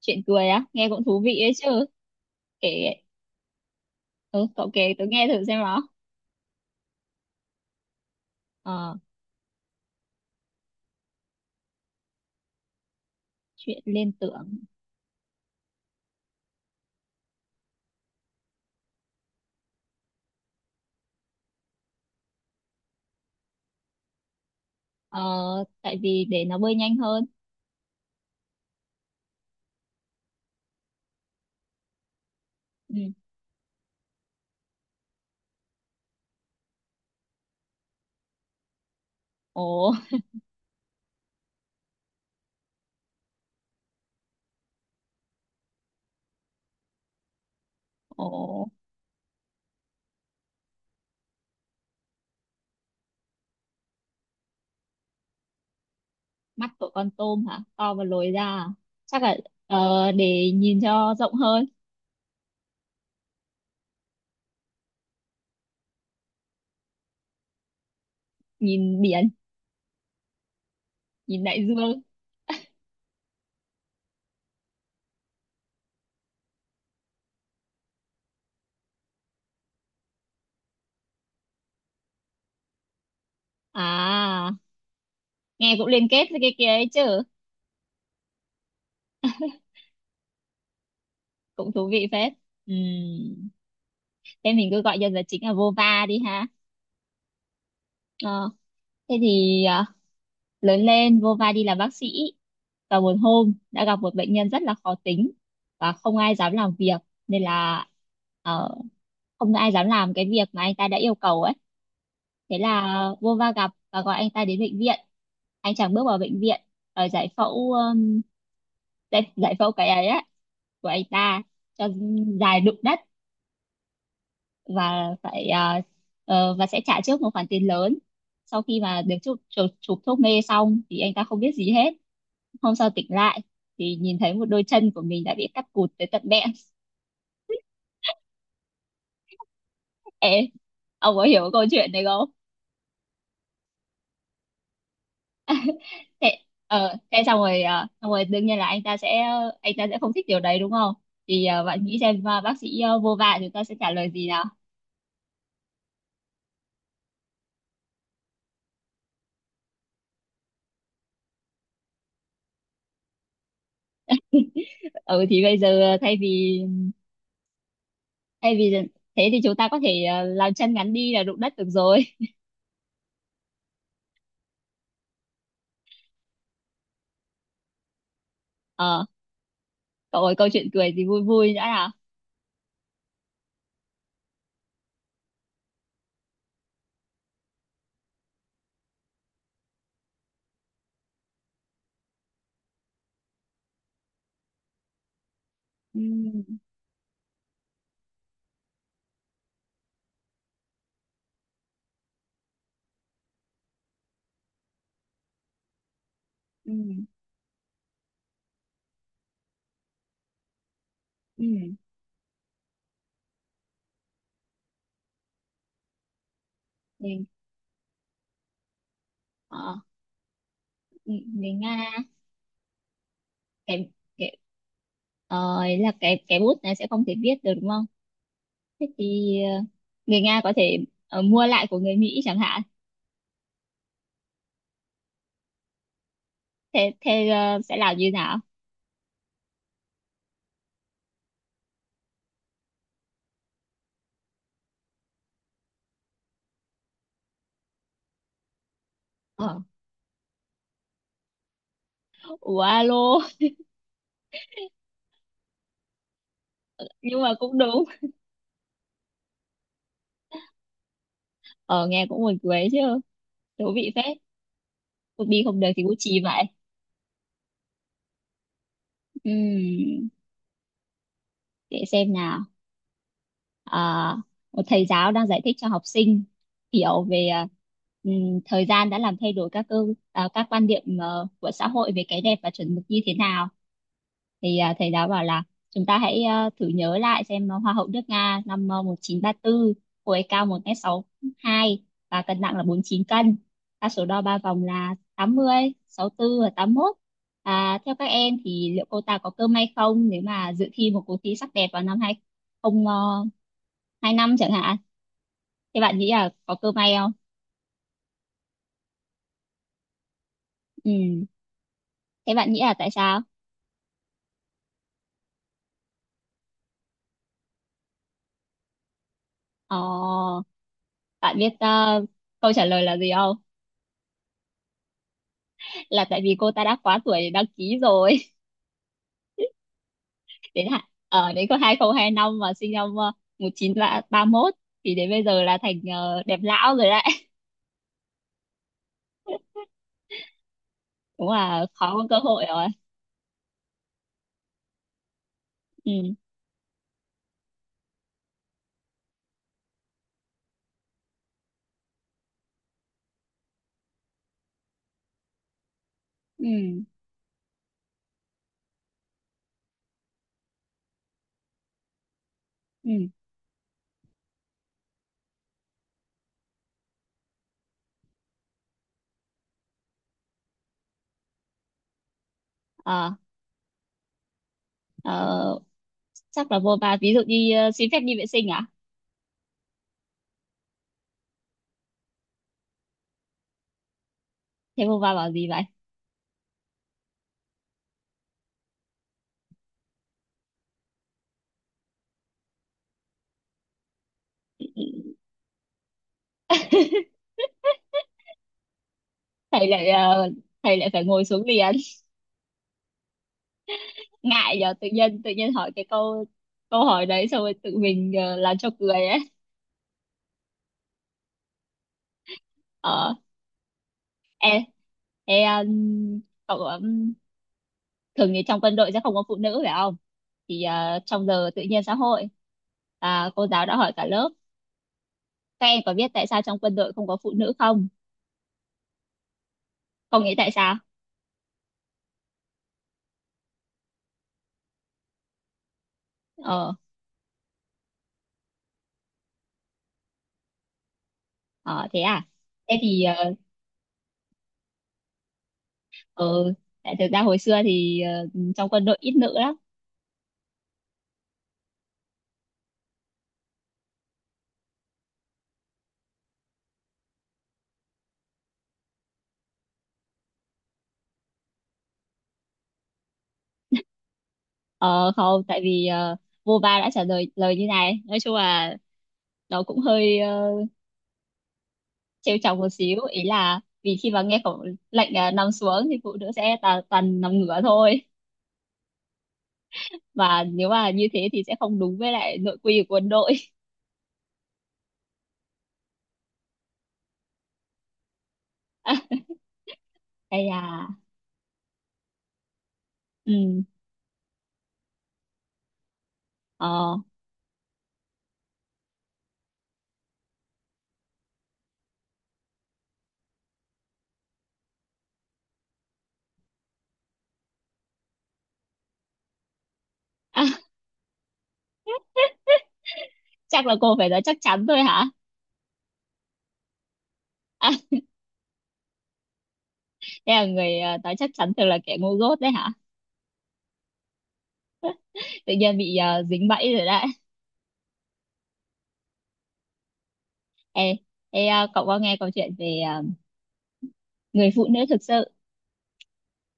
Chuyện cười á, nghe cũng thú vị ấy chứ. Kể. Ừ, cậu kể tớ nghe thử xem nào. ờ, Chuyện liên tưởng. ờ, Tại vì để nó bơi nhanh hơn. Ừ. Ồ. Ồ. Mắt của con tôm hả? To và lồi ra à? Chắc là để nhìn cho rộng hơn. Nhìn biển. Nhìn đại dương. À, nghe cũng liên kết với cái kia ấy chứ. Cũng thú vị phết. Ừ. Thế mình cứ gọi nhân vật chính là Vova đi ha. ờ, Thế thì à, lớn lên vô vai đi làm bác sĩ và một hôm đã gặp một bệnh nhân rất là khó tính và không ai dám làm việc nên là ờ, không ai dám làm cái việc mà anh ta đã yêu cầu ấy. Thế là vô va gặp và gọi anh ta đến bệnh viện. Anh chàng bước vào bệnh viện ở giải phẫu giải phẫu cái ấy á, của anh ta cho dài đụng đất. Và phải và sẽ trả trước một khoản tiền lớn. Sau khi mà được chụp chụp, chụp thuốc mê xong thì anh ta không biết gì hết. Hôm sau tỉnh lại thì nhìn thấy một đôi chân của mình đã bị cắt cụt tới tận bẹn. Ê, ông có hiểu cái câu chuyện này không? Thế, thế xong rồi, xong rồi đương nhiên là anh ta sẽ không thích điều đấy đúng không? Thì bạn nghĩ xem bác sĩ vô vạ chúng ta sẽ trả lời gì nào? Ừ thì bây giờ thay vì thế thì chúng ta có thể làm chân ngắn đi là đụng đất được rồi. Ờ, cậu ơi câu chuyện cười thì vui vui đã nào? Ừ, ừ, ừ, ừ. Ờ. người Người Nga. Cái cái ý là cái bút này sẽ không thể viết được đúng không? Thế thì người Nga có thể mua lại của người Mỹ chẳng hạn. Thế thế sẽ làm như nào? ờ, Ủa alo. Nhưng mà cũng đúng. Ờ, nghe cũng buồn cười chứ. Thú vị phết. Cũng đi không được thì cũng chì vậy. Ừm, để xem nào. À, một thầy giáo đang giải thích cho học sinh hiểu về à, thời gian đã làm thay đổi các cơ, à, các quan điểm của xã hội về cái đẹp và chuẩn mực như thế nào. Thì à, thầy giáo bảo là chúng ta hãy thử nhớ lại xem hoa hậu nước Nga năm một chín ba 1934, cô ấy cao 1,62 m và cân nặng là 49 cân. Ta số đo ba vòng là 80 tư và 81. À, theo các em thì liệu cô ta có cơ may không nếu mà dự thi một cuộc thi sắc đẹp vào năm hai không hai năm chẳng hạn? Thế bạn nghĩ là có cơ may không? Ừ. Thế bạn nghĩ là tại sao? Ờ. Bạn biết câu trả lời là gì không? Là tại vì cô ta đã quá tuổi để đăng ký rồi. Đến hạn. Ở đến có 2022 mà sinh năm 1931 thì đến bây giờ là thành đẹp lão rồi đấy. Cũng là khó có cơ hội rồi. Ừ. Ừ. Ừ. Ờ. ờ, Chắc là vô va ví dụ đi xin phép đi vệ sinh à? Thế vô va bảo gì vậy? Thầy lại thầy lại phải ngồi xuống liền. Ngại giờ tự nhiên hỏi cái câu, câu hỏi đấy xong rồi tự mình làm cho cười ấy. Ờ. em em cậu thường thì trong quân đội sẽ không có phụ nữ phải không? Thì trong giờ tự nhiên xã hội à, cô giáo đã hỏi cả lớp các em có biết tại sao trong quân đội không có phụ nữ không? Không nghĩ tại sao. Ờ. Ờ thế à. Thế thì ờ. ờ, Tại thực ra hồi xưa thì trong quân đội ít nữ lắm. Ờ không, tại vì vô ba đã trả lời lời như này. Nói chung là nó cũng hơi trêu chọc một xíu, ý là vì khi mà nghe khẩu lệnh nằm xuống thì phụ nữ sẽ tà, toàn nằm ngửa thôi. Và nếu mà như thế thì sẽ không đúng với lại nội quy của quân đội. À, hay là. Ừ. Ờ. À, chắc là cô phải nói chắc chắn thôi hả? À, thế là người nói chắc chắn thường là kẻ ngu dốt đấy hả? Tự nhiên bị dính bẫy rồi đấy. Ê. Cậu có nghe câu chuyện về người phụ nữ thực sự?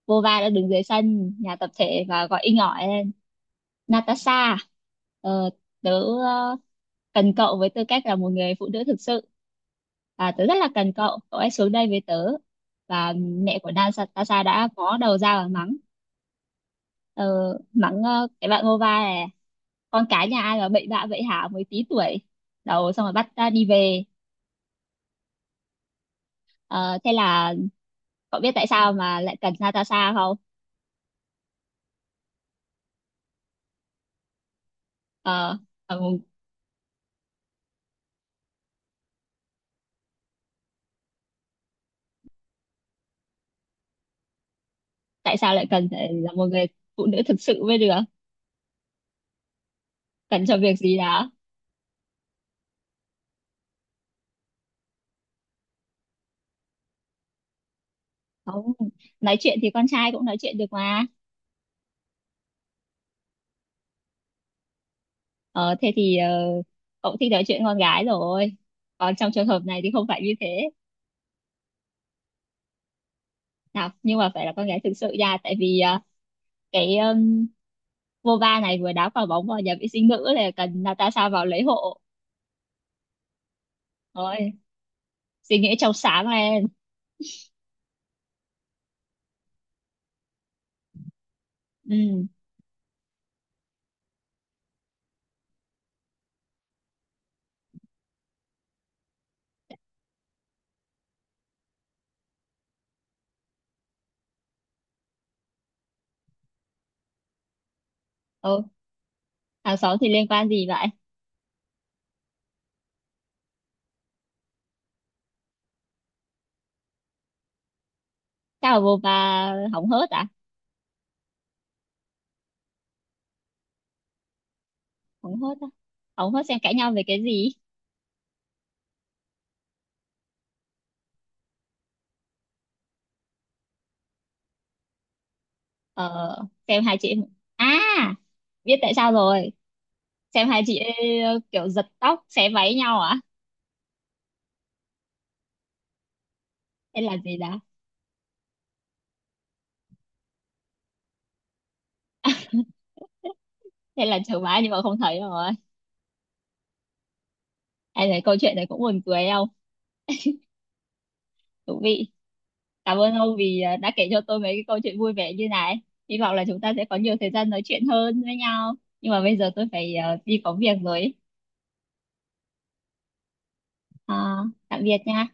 Vô va đã đứng dưới sân nhà tập thể và gọi inh ỏi Natasha à? ờ, Tớ ờ, cần cậu với tư cách là một người phụ nữ thực sự, và tớ rất là cần cậu, cậu hãy xuống đây với tớ. Và mẹ của Natasha đã có đầu ra và mắng ờ, mắng cái bạn Ngova này, con cái nhà ai mà bậy bạ vậy hả, mới tí tuổi đầu xong rồi bắt ta đi về. Ờ, thế là cậu biết tại sao mà lại cần Natasha không? Ờ. ờ, Tại sao lại cần phải là một người phụ nữ thực sự mới được, cần cho việc gì đó? Không, nói chuyện thì con trai cũng nói chuyện được mà. Ờ, thế thì cậu thích nói chuyện con gái rồi. Còn trong trường hợp này thì không phải như thế. Nào, nhưng mà phải là con gái thực sự nha. Tại vì cái Vova này vừa đá quả bóng vào nhà vệ sinh nữ là cần Natasha vào lấy hộ. Rồi, suy nghĩ trong sáng lên. Ừ, ừ. Hàng xóm thì liên quan gì vậy? Chắc là Vova hóng hớt à? Hóng hớt à? Hóng hớt xem cãi nhau về cái gì? Ờ, xem hai chị... À, biết tại sao rồi. Xem hai chị ấy kiểu giật tóc xé váy nhau à? Hay là gì đó? Hay là chớ vá nhưng mà không thấy rồi? Ai thấy câu chuyện này cũng buồn cười không? Thú vị. Cảm ơn ông vì đã kể cho tôi mấy cái câu chuyện vui vẻ như này. Hy vọng là chúng ta sẽ có nhiều thời gian nói chuyện hơn với nhau. Nhưng mà bây giờ tôi phải đi có việc rồi. À, tạm biệt nha.